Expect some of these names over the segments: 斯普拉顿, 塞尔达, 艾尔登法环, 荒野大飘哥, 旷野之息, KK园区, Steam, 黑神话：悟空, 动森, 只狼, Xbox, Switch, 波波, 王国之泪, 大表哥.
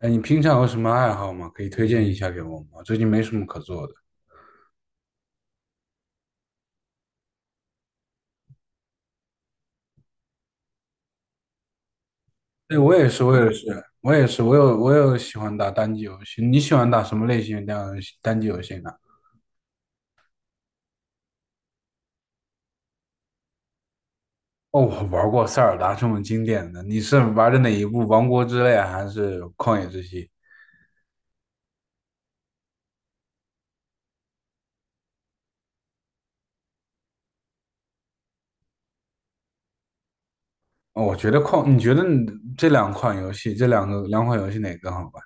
哎，你平常有什么爱好吗？可以推荐一下给我吗？最近没什么可做的。对，我也是，我也是，我也是，我有喜欢打单机游戏。你喜欢打什么类型的单机游戏呢？哦，我玩过塞尔达这么经典的，你是玩的哪一部？《王国之泪》还是《旷野之息》？哦，我觉得旷，你觉得你这两款游戏，这两个两款游戏哪个更好玩？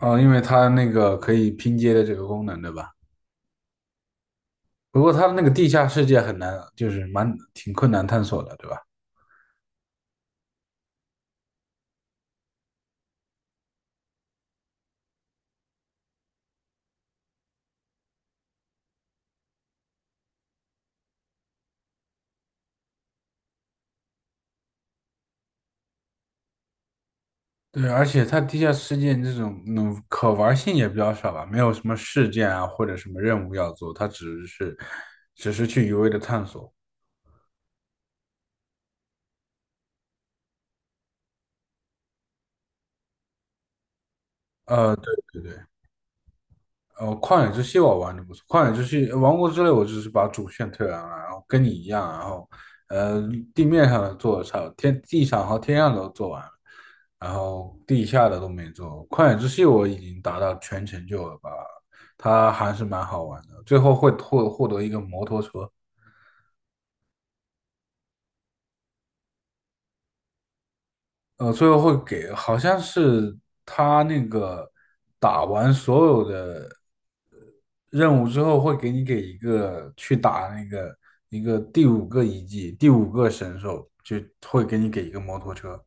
哦，因为它那个可以拼接的这个功能，对吧？不过它的那个地下世界很难，就是蛮挺困难探索的，对吧？对，而且它地下世界这种可玩性也比较少吧，没有什么事件啊或者什么任务要做，它只是去一味的探索。对对对，旷野之息我玩的不错，旷野之息、王国之泪我只是把主线推完了，然后跟你一样，然后呃地面上的做了差，天地上和天上都做完了，然后地下的都没做。旷野之息我已经达到全成就了吧，它还是蛮好玩的，最后会获得一个摩托车。最后会给，好像是他那个打完所有的任务之后，会给你给一个去打那个一个第五个遗迹，第五个神兽，就会给你给一个摩托车。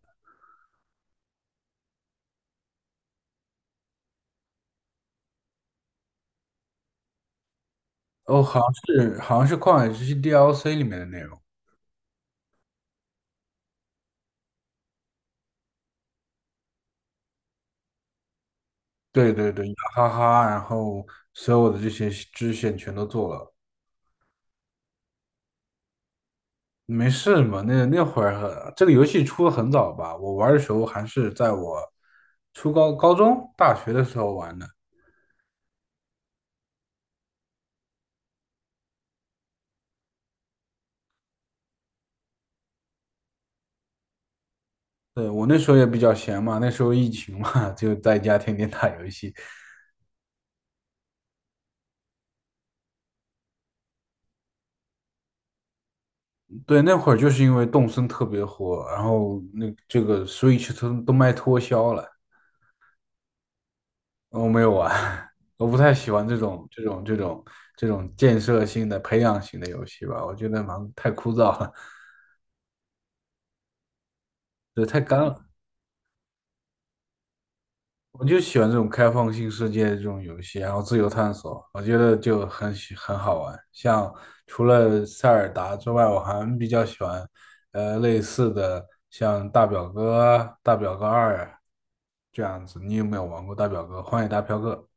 哦，好像是好像是旷野之息 DLC 里面的内容。对对对，哈哈，然后所有的这些支线全都做了。没事嘛，那会儿很这个游戏出的很早吧？我玩的时候还是在我初高、高中、大学的时候玩的。对，我那时候也比较闲嘛，那时候疫情嘛，就在家天天打游戏。对，那会儿就是因为动森特别火，然后那这个 Switch 都卖脱销了，我没有玩，我不太喜欢这种建设性的、培养型的游戏吧，我觉得蛮太枯燥了，对，太干了。我就喜欢这种开放性世界的这种游戏，然后自由探索，我觉得就很喜很好玩。像除了塞尔达之外，我还比较喜欢，类似的像大表哥啊、大表哥二啊这样子。你有没有玩过大表哥、荒野大飘哥？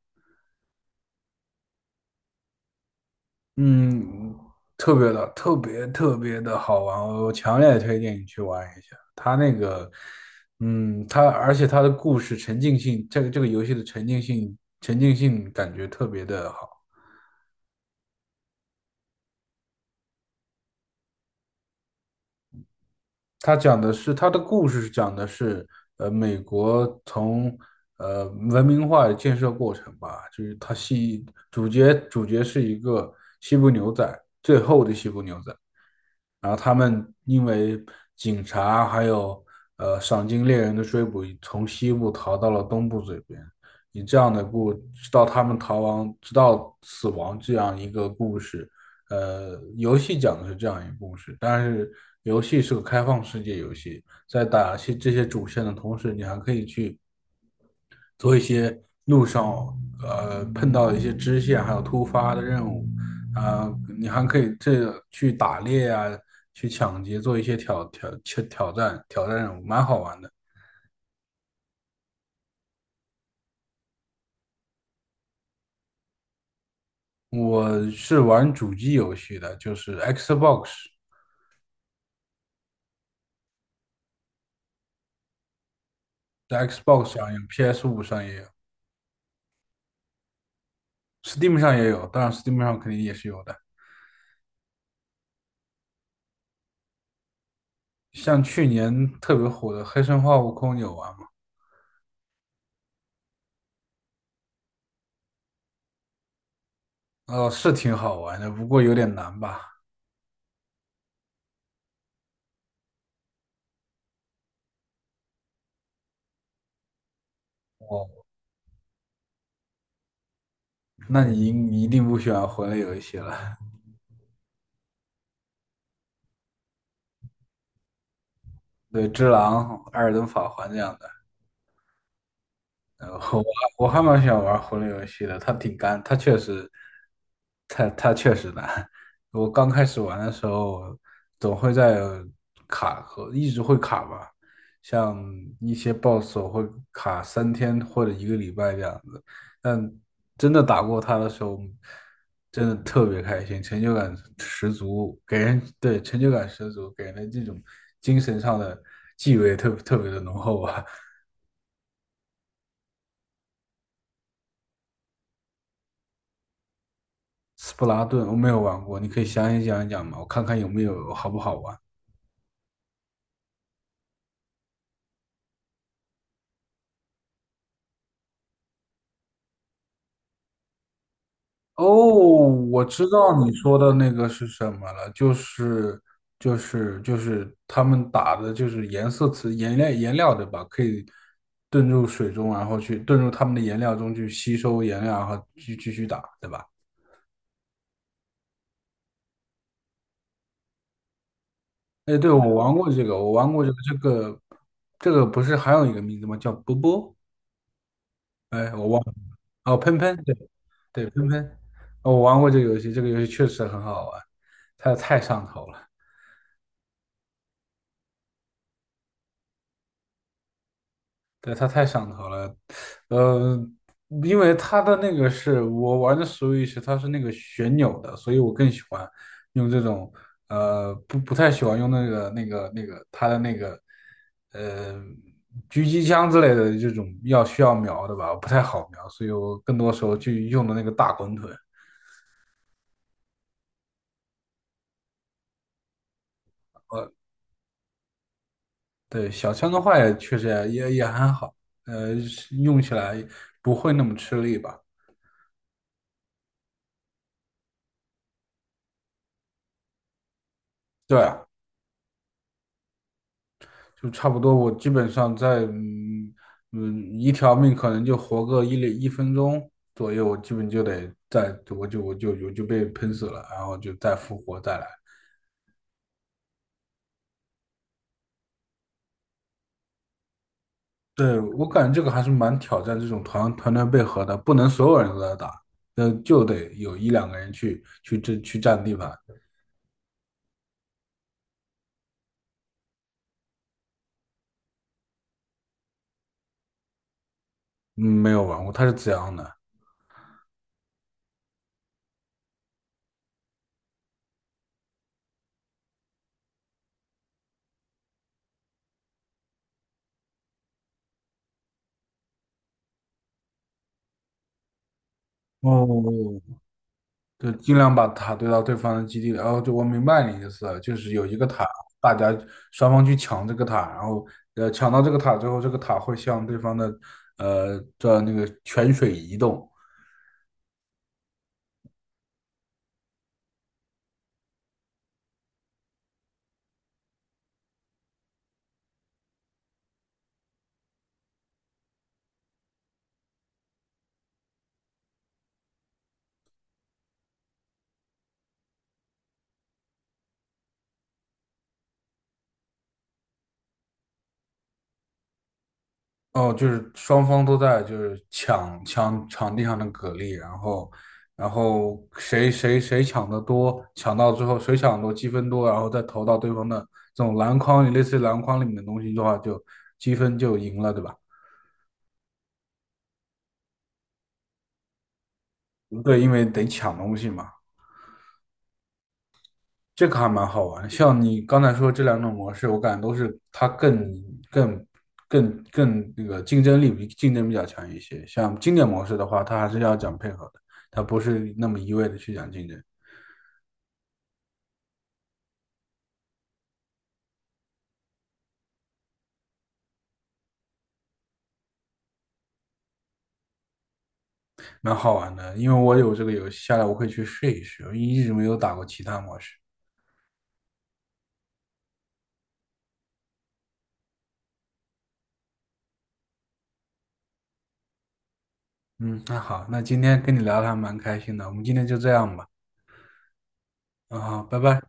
嗯，特别的，特别特别的好玩，我强烈推荐你去玩一下。它那个，嗯，它而且它的故事沉浸性，这个这个游戏的沉浸性，沉浸性感觉特别的好。他讲的是他的故事，是讲的是美国从呃文明化的建设过程吧，就是他系主角是一个西部牛仔，最后的西部牛仔，然后他们因为警察还有赏金猎人的追捕，从西部逃到了东部这边，以这样的故，直到他们逃亡，直到死亡这样一个故事，游戏讲的是这样一个故事，但是游戏是个开放世界游戏，在打些这些主线的同时，你还可以去做一些路上碰到的一些支线，还有突发的任务啊、你还可以这去打猎啊，去抢劫，做一些挑挑挑挑战任务，蛮好玩的。我是玩主机游戏的，就是 Xbox，在 Xbox 上有 PS5上也有，Steam 上也有，当然 Steam 上肯定也是有的。像去年特别火的《黑神话：悟空》，你有玩吗？哦，是挺好玩的，不过有点难吧？哦，那你一定不喜欢魂类游戏了。对，《只狼》《艾尔登法环》这样的。然后我还蛮喜欢玩魂类游戏的，它挺干，它确实，它它确实难。我刚开始玩的时候，总会在卡和一直会卡吧，像一些 BOSS 我会卡3天或者一个礼拜这样子。但真的打过它的时候，真的特别开心，成就感十足，给人，对，成就感十足，给人的这种精神上的气味特别的浓厚啊。斯普拉顿我没有玩过，你可以详细讲一讲吗？我看看有没有好不好玩。哦，我知道你说的那个是什么了，就是他们打的就是颜色词颜料对吧？可以遁入水中，然后去遁入他们的颜料中去吸收颜料，然后继续打，对吧？哎，对，我玩过这个，我玩过这个，这个不是还有一个名字吗？叫波波？哎，我忘了。哦，喷喷，对对，喷喷，哦我玩过这个游戏，这个游戏确实很好玩，它太上头了，对，它太上头了，呃，因为它的那个是我玩的 Switch，它是那个旋钮的，所以我更喜欢用这种，不太喜欢用那个它的那个，呃，狙击枪之类的这种要需要瞄的吧，不太好瞄，所以我更多时候就用的那个大滚筒。哦对，小枪的话也确实也还好，是用起来不会那么吃力吧？对啊就差不多。我基本上在一条命可能就活个1分钟左右，我基本就得再我就被喷死了，然后就再复活再来。对，我感觉这个还是蛮挑战这种团队配合的，不能所有人都在打，就得有一两个人去这去占地盘。嗯，没有玩过，他是怎样的？哦，就尽量把塔堆到对方的基地里。哦，就我明白你意思了，就是有一个塔，大家双方去抢这个塔，然后抢到这个塔之后，这个塔会向对方的那个泉水移动。哦，就是双方都在就是抢场地上的蛤蜊，然后谁抢的多，抢到之后谁抢得多积分多，然后再投到对方的这种篮筐里，类似于篮筐里面的东西的话，就积分就赢了，对吧？对，因为得抢东西嘛。这个还蛮好玩的像你刚才说这两种模式，我感觉都是它更更那个竞争力比竞争比较强一些。像经典模式的话，它还是要讲配合的，它不是那么一味的去讲竞争，蛮好玩的。因为我有这个游戏下来，我会去试一试，我一直没有打过其他模式。嗯，那好，那今天跟你聊的还蛮开心的，我们今天就这样吧。嗯，好，拜拜。